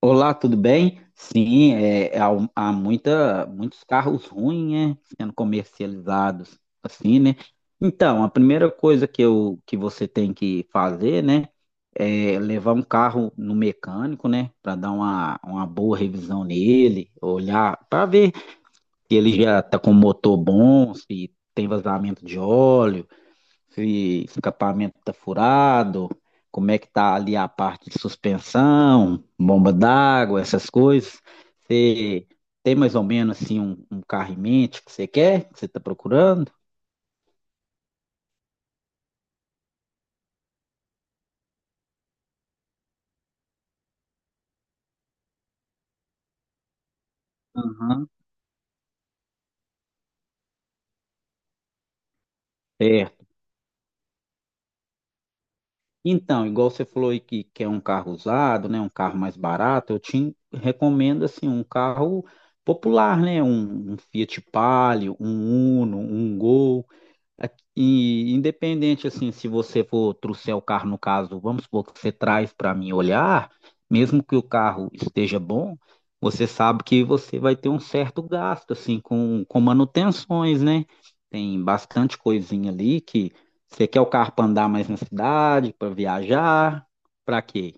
Olá, tudo bem? Sim, muitos carros ruins, né, sendo comercializados assim, né? Então, a primeira coisa que você tem que fazer, né, é levar um carro no mecânico, né, para dar uma boa revisão nele, olhar para ver se ele já está com motor bom, se tem vazamento de óleo, se o escapamento está furado, como é que tá ali a parte de suspensão, bomba d'água, essas coisas. Você tem mais ou menos assim um carro em mente que você quer, que você está procurando? Aham. Certo. Então, igual você falou aí que quer um carro usado, né, um carro mais barato, eu te recomendo assim um carro popular, né, um Fiat Palio, um Uno, um Gol. E independente assim, se você for trouxer o carro, no caso, vamos supor que você traz para mim olhar, mesmo que o carro esteja bom, você sabe que você vai ter um certo gasto assim com manutenções, né? Tem bastante coisinha ali que você quer o carro para andar mais na cidade, para viajar, para quê?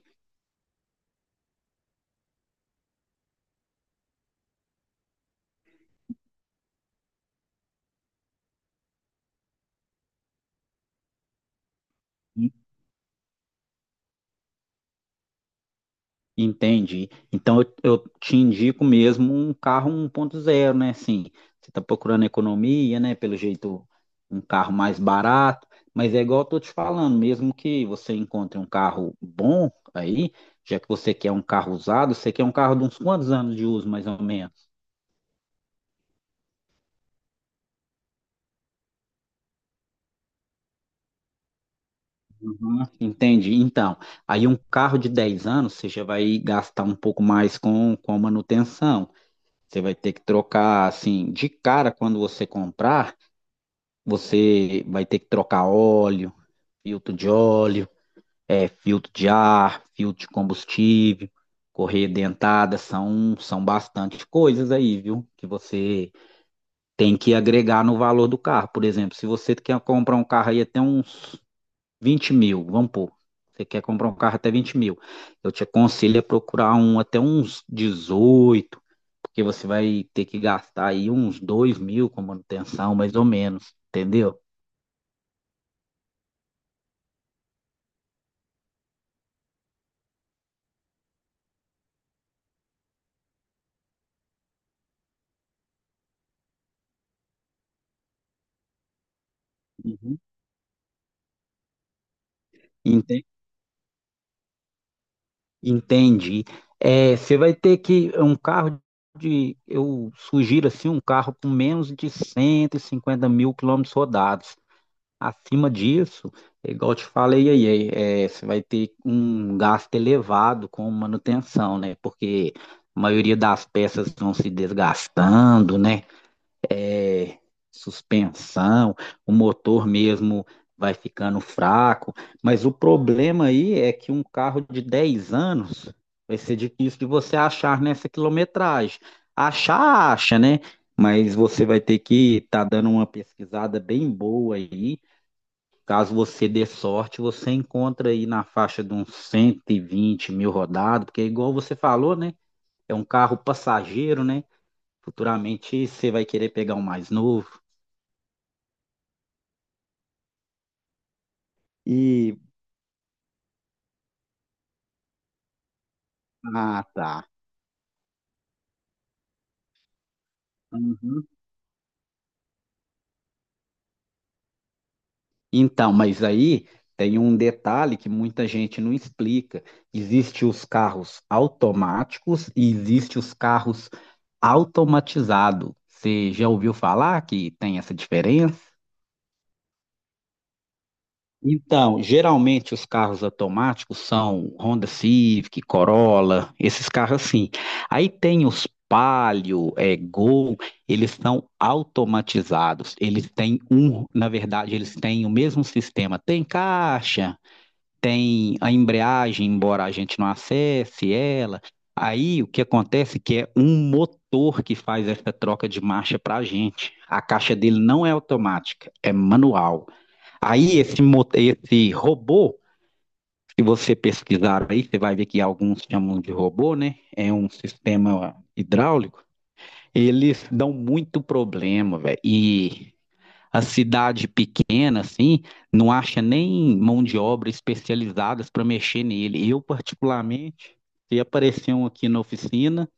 Entendi. Então eu te indico mesmo um carro 1.0, né? Assim, você está procurando economia, né? Pelo jeito, um carro mais barato, mas é igual eu tô te falando, mesmo que você encontre um carro bom aí, já que você quer um carro usado, você quer um carro de uns quantos anos de uso, mais ou menos? Uhum. Entendi. Então, aí um carro de 10 anos, você já vai gastar um pouco mais com a manutenção. Você vai ter que trocar, assim, de cara quando você comprar. Você vai ter que trocar óleo, filtro de óleo, filtro de ar, filtro de combustível, correia dentada, são bastante coisas aí, viu? Que você tem que agregar no valor do carro. Por exemplo, se você quer comprar um carro aí até uns 20 mil, vamos pôr. Você quer comprar um carro até 20 mil. Eu te aconselho a procurar um até uns 18 porque você vai ter que gastar aí uns 2 mil com manutenção, mais ou menos, entendeu? Uhum. Entende? Entendi. É, você vai ter que um carro de, eu sugiro assim, um carro com menos de 150 mil quilômetros rodados. Acima disso, é igual eu te falei aí, você vai ter um gasto elevado com manutenção, né? Porque a maioria das peças vão se desgastando, né? é, suspensão, o motor mesmo vai ficando fraco, mas o problema aí é que um carro de 10 anos vai ser difícil de você achar nessa quilometragem. Achar, acha, né? Mas você vai ter que estar dando uma pesquisada bem boa aí. Caso você dê sorte, você encontra aí na faixa de uns 120 mil rodados, porque é igual você falou, né? É um carro passageiro, né? Futuramente você vai querer pegar um mais novo. E ah, tá. Uhum. Então, mas aí tem um detalhe que muita gente não explica. Existem os carros automáticos e existem os carros automatizados. Você já ouviu falar que tem essa diferença? Então, geralmente os carros automáticos são Honda Civic, Corolla, esses carros assim. Aí tem os Palio, Gol, eles são automatizados. Eles têm um, na verdade, eles têm o mesmo sistema. Tem caixa, tem a embreagem, embora a gente não acesse ela. Aí o que acontece é que é um motor que faz essa troca de marcha para a gente. A caixa dele não é automática, é manual. Aí esse robô, se você pesquisar aí, você vai ver que alguns chamam de robô, né? É um sistema hidráulico. Eles dão muito problema, velho. E a cidade pequena, assim, não acha nem mão de obra especializadas para mexer nele. Eu, particularmente, se aparecer um aqui na oficina,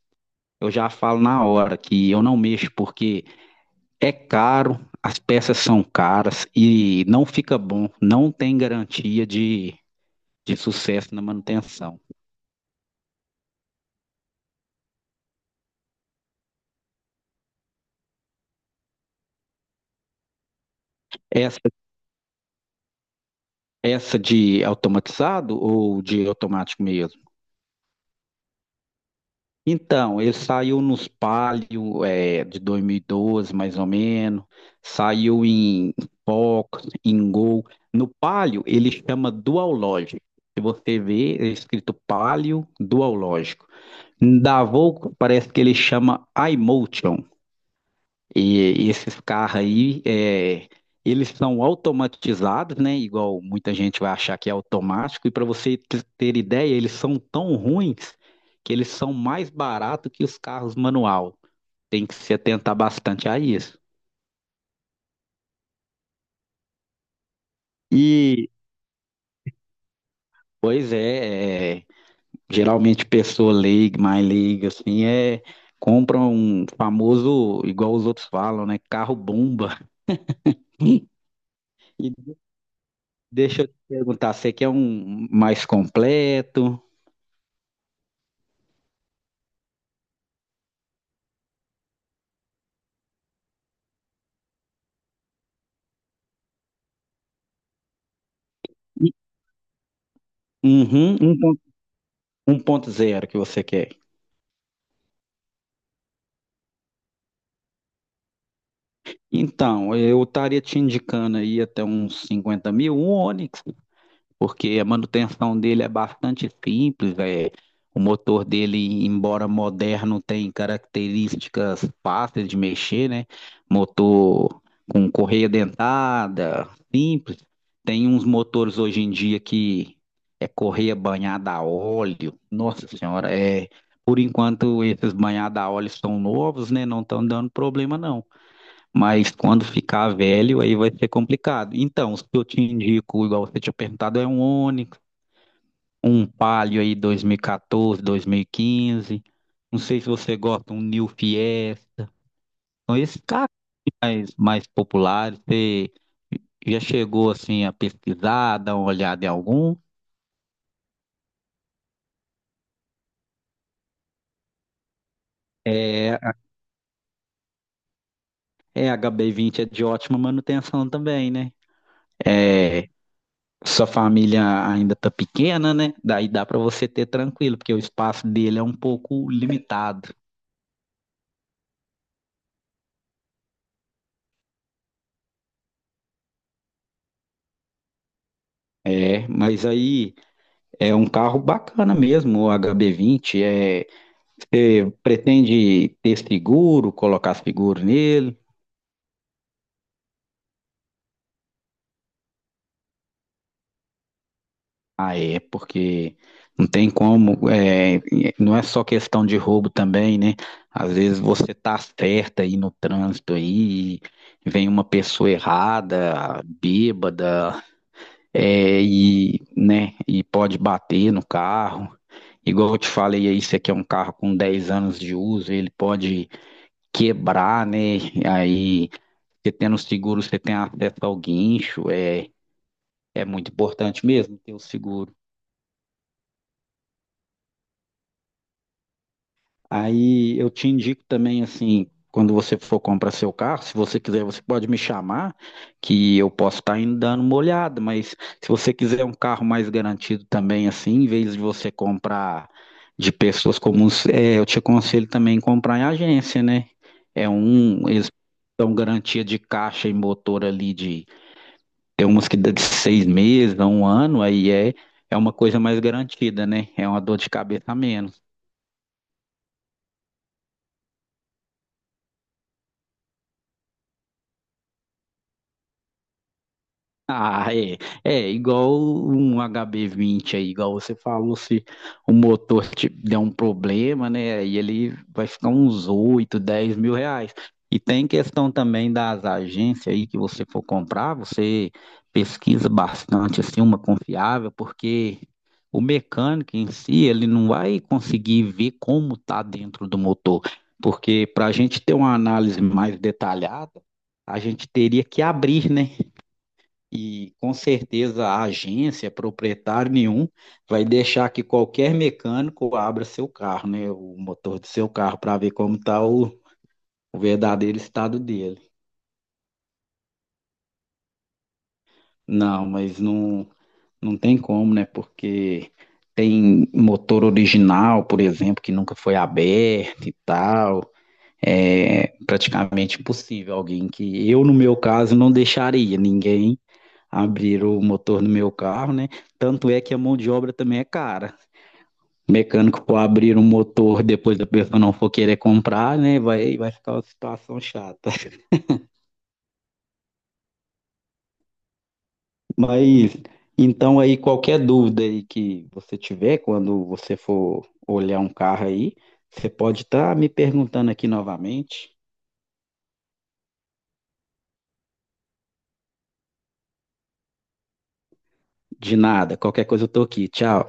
eu já falo na hora que eu não mexo, porque é caro, as peças são caras e não fica bom, não tem garantia de sucesso na manutenção. Essa, essa de automatizado ou de automático mesmo? Então, ele saiu nos Palio, de 2012, mais ou menos, saiu em Fox, em Gol. No Palio, ele chama Dual Logic. Se você ver, é escrito Palio Dual Lógico. Da Volvo, parece que ele chama iMotion. E esses carros aí, eles são automatizados, né? Igual muita gente vai achar que é automático. E para você ter ideia, eles são tão ruins que eles são mais baratos que os carros manual. Tem que se atentar bastante a isso. E, pois é, geralmente pessoa leiga, mais leiga, assim, compra um famoso, igual os outros falam, né? Carro bomba. E deixa eu te perguntar, você quer um mais completo? Uhum, um ponto zero que você quer. Então, eu estaria te indicando aí até uns 50 mil, um Onix, porque a manutenção dele é bastante simples, o motor dele, embora moderno, tem características fáceis de mexer, né? Motor com correia dentada, simples. Tem uns motores hoje em dia que é correia banhada a óleo. Nossa Senhora, por enquanto esses banhados a óleo são novos, né? Não estão dando problema não. Mas quando ficar velho, aí vai ser complicado. Então, se eu te indico, igual você tinha perguntado, é um Onix, um Palio aí 2014, 2015. Não sei se você gosta, um New Fiesta. São esses carros mais populares. Você já chegou assim a pesquisar, dar uma olhada em algum? É, a HB20 é de ótima manutenção também, né? é Sua família ainda tá pequena, né? Daí dá pra você ter tranquilo, porque o espaço dele é um pouco limitado. É, mas aí é um carro bacana mesmo, o HB20. Você pretende ter seguro, colocar seguro nele? Ah, é, porque não tem como, não é só questão de roubo também, né? Às vezes você tá certa aí no trânsito aí, e vem uma pessoa errada, bêbada, e, né, pode bater no carro. Igual eu te falei aí, esse aqui é um carro com 10 anos de uso, ele pode quebrar, né? Aí, você tendo o seguro, você tem acesso ao guincho, é muito importante mesmo ter o seguro. Aí eu te indico também, assim, quando você for comprar seu carro, se você quiser, você pode me chamar, que eu posso estar indo dando uma olhada, mas se você quiser um carro mais garantido também, assim, em vez de você comprar de pessoas comuns, eu te aconselho também comprar em agência, né? Eles dão garantia de caixa e motor ali de, tem umas que dá de 6 meses, a um ano, é uma coisa mais garantida, né? É uma dor de cabeça a menos. Ah, é. É igual um HB20 aí, igual você falou, se o motor te der um problema, né? Aí ele vai ficar uns 8, 10 mil reais. E tem questão também das agências aí que você for comprar, você pesquisa bastante, assim, uma confiável, porque o mecânico em si, ele não vai conseguir ver como tá dentro do motor. Porque para a gente ter uma análise mais detalhada, a gente teria que abrir, né? E com certeza a agência, proprietário nenhum, vai deixar que qualquer mecânico abra seu carro, né? O motor do seu carro para ver como está o verdadeiro estado dele. Não, mas não, não tem como, né? Porque tem motor original, por exemplo, que nunca foi aberto e tal. É praticamente impossível alguém que eu, no meu caso, não deixaria ninguém abrir o motor do meu carro, né? Tanto é que a mão de obra também é cara. Mecânico for abrir um motor depois da pessoa não for querer comprar, né? Vai ficar uma situação chata. Mas então aí qualquer dúvida aí que você tiver quando você for olhar um carro aí, você pode estar me perguntando aqui novamente. De nada, qualquer coisa eu tô aqui. Tchau.